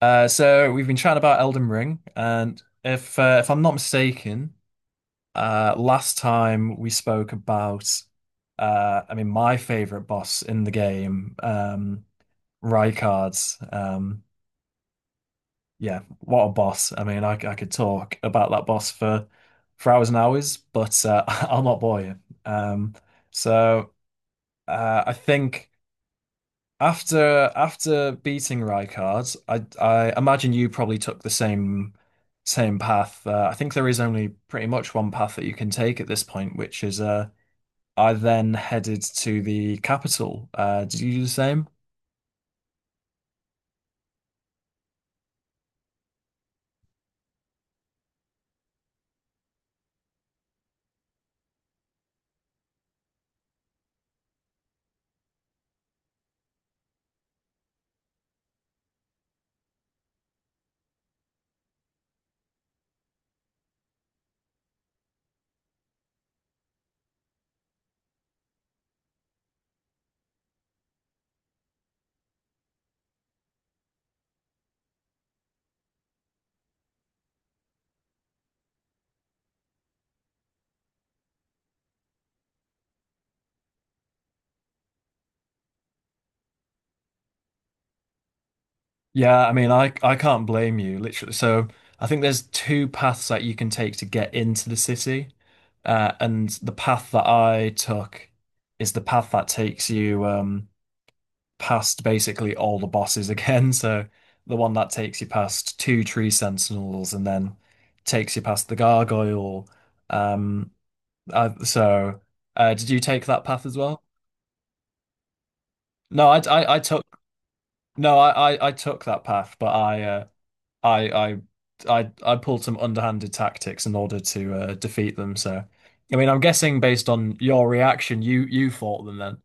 So we've been chatting about Elden Ring, and if I'm not mistaken, last time we spoke about, my favorite boss in the game, Rykard. Um, yeah, what a boss! I mean, I could talk about that boss for hours and hours, but I'll not bore you. Um, so I think. After beating Rijkaard, I imagine you probably took the same same path. I think there is only pretty much one path that you can take at this point, which is I then headed to the capital. Did you do the same? Yeah, I mean I can't blame you, literally. So I think there's two paths that you can take to get into the city, and the path that I took is the path that takes you. Past basically all the bosses again. So the one that takes you past two tree sentinels and then takes you past the gargoyle. Um, I, so did you take that path as well? No, I took no, I took that path, but I, I, I pulled some underhanded tactics in order to defeat them. So, I mean, I'm guessing based on your reaction, you fought them then.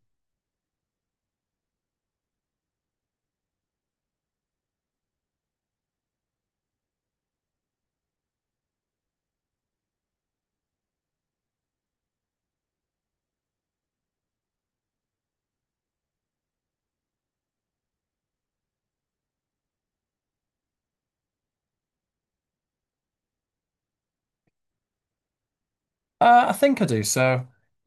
I think I do. So,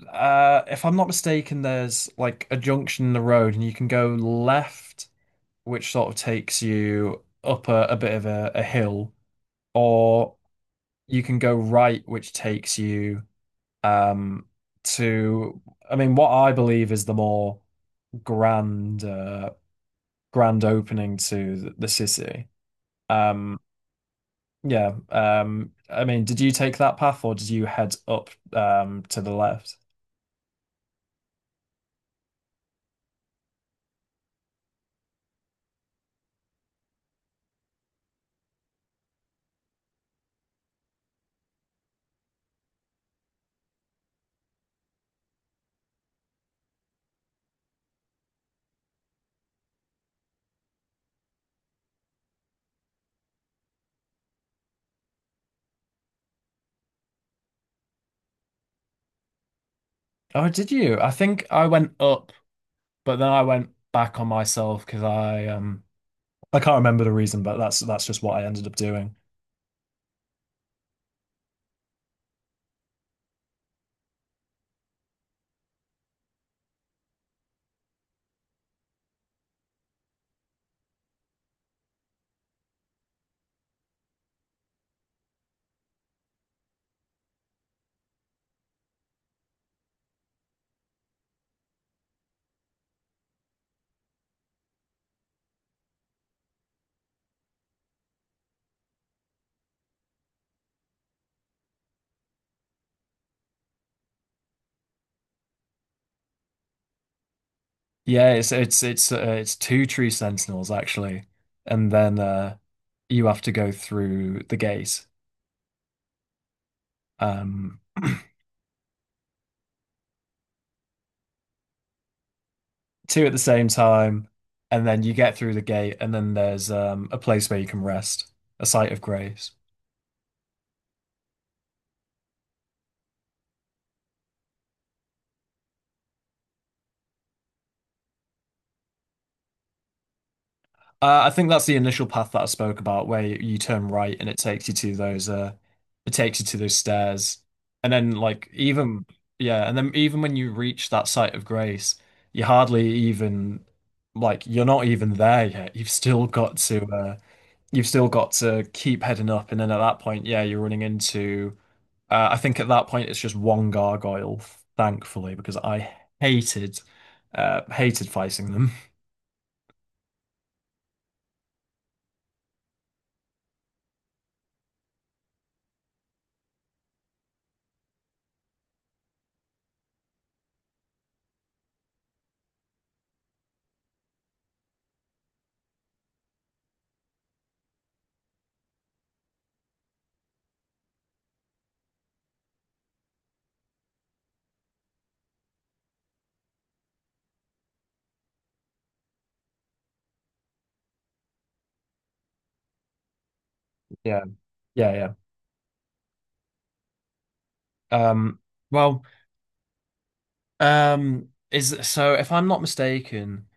if I'm not mistaken, there's like a junction in the road, and you can go left, which sort of takes you up a bit of a hill, or you can go right, which takes you um to, I mean, what I believe is the more grand, grand opening to the city. Um, yeah. I mean, did you take that path, or did you head up to the left? Oh, did you? I think I went up, but then I went back on myself because I can't remember the reason, but that's just what I ended up doing. Yeah, it's two tree sentinels actually, and then you have to go through the gate, um two at the same time, and then you get through the gate, and then there's a place where you can rest, a site of grace. I think that's the initial path that I spoke about, where you turn right and it takes you to those it takes you to those stairs, and then like even yeah, and then even when you reach that site of grace, you hardly even like you're not even there yet. You've still got to you've still got to keep heading up, and then at that point, yeah, you're running into. I think at that point it's just one gargoyle, thankfully, because I hated hated fighting them. Yeah, yeah, yeah. Well. Is so if I'm not mistaken,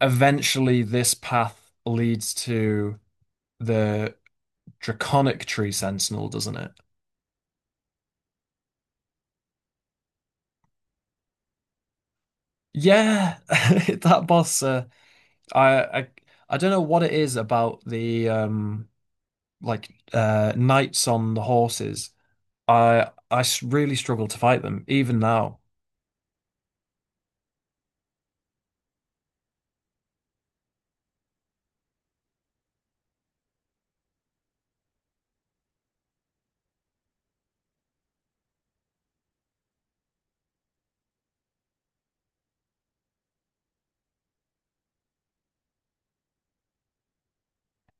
eventually this path leads to the Draconic Tree Sentinel, doesn't it? Yeah, that boss. I, I I don't know what it is about the knights on the horses. Really struggle to fight them even now.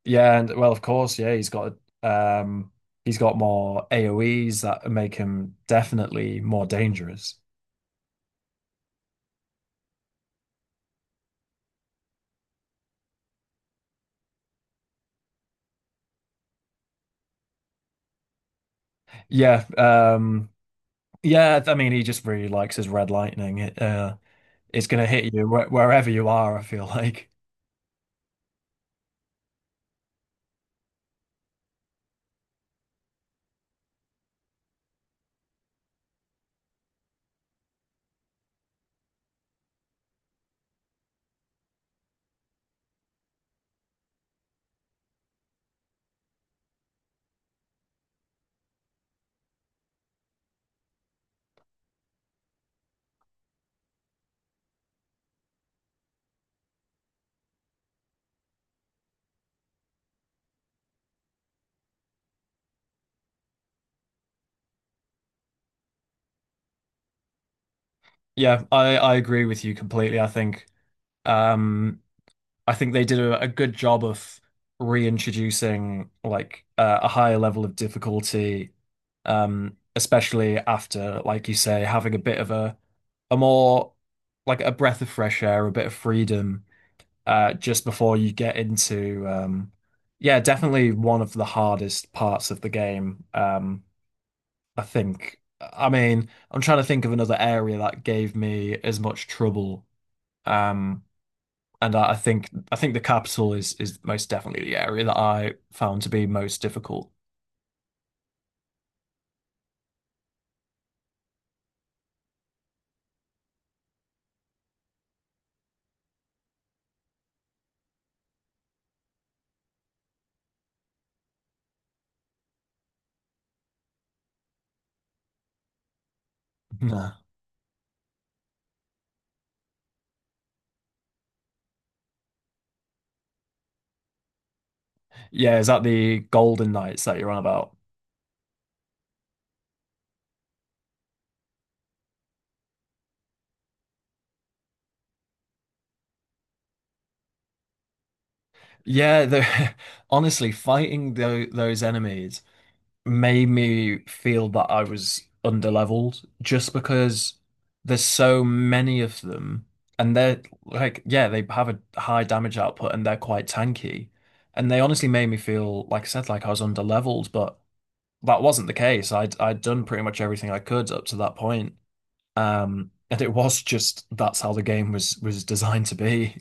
Yeah, and well, of course, yeah, um he's got more AoEs that make him definitely more dangerous. Yeah, um, yeah. I mean, he just really likes his red lightning. It's gonna hit you wh wherever you are, I feel like. Yeah, I agree with you completely. Um, I think they did a good job of reintroducing like a higher level of difficulty, especially after, like you say, having a bit of a more like a breath of fresh air, a bit of freedom just before you get into yeah, definitely one of the hardest parts of the game. I think. I mean, I'm trying to think of another area that gave me as much trouble. Um, and I think the capital is most definitely the area that I found to be most difficult. Nah. Yeah, is that the Golden Knights that you're on about? Yeah, the honestly, fighting those enemies. Made me feel that I was underleveled just because there's so many of them and they're like yeah they have a high damage output and they're quite tanky and they honestly made me feel like I said like I was underleveled but that wasn't the case I'd done pretty much everything I could up to that point and it was just that's how the game was designed to be.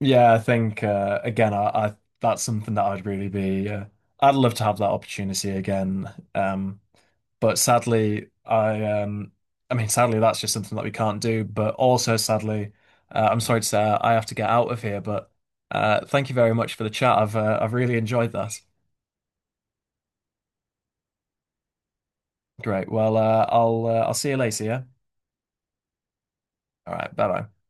Yeah, I think again, I that's something that I'd really be. I'd love to have that opportunity again. Um, but sadly, I mean, sadly, that's just something that we can't do. But also, sadly, I'm sorry to say, I have to get out of here. But thank you very much for the chat. I've really enjoyed that. Great. Well, I'll see you later. Yeah. All right. Bye bye.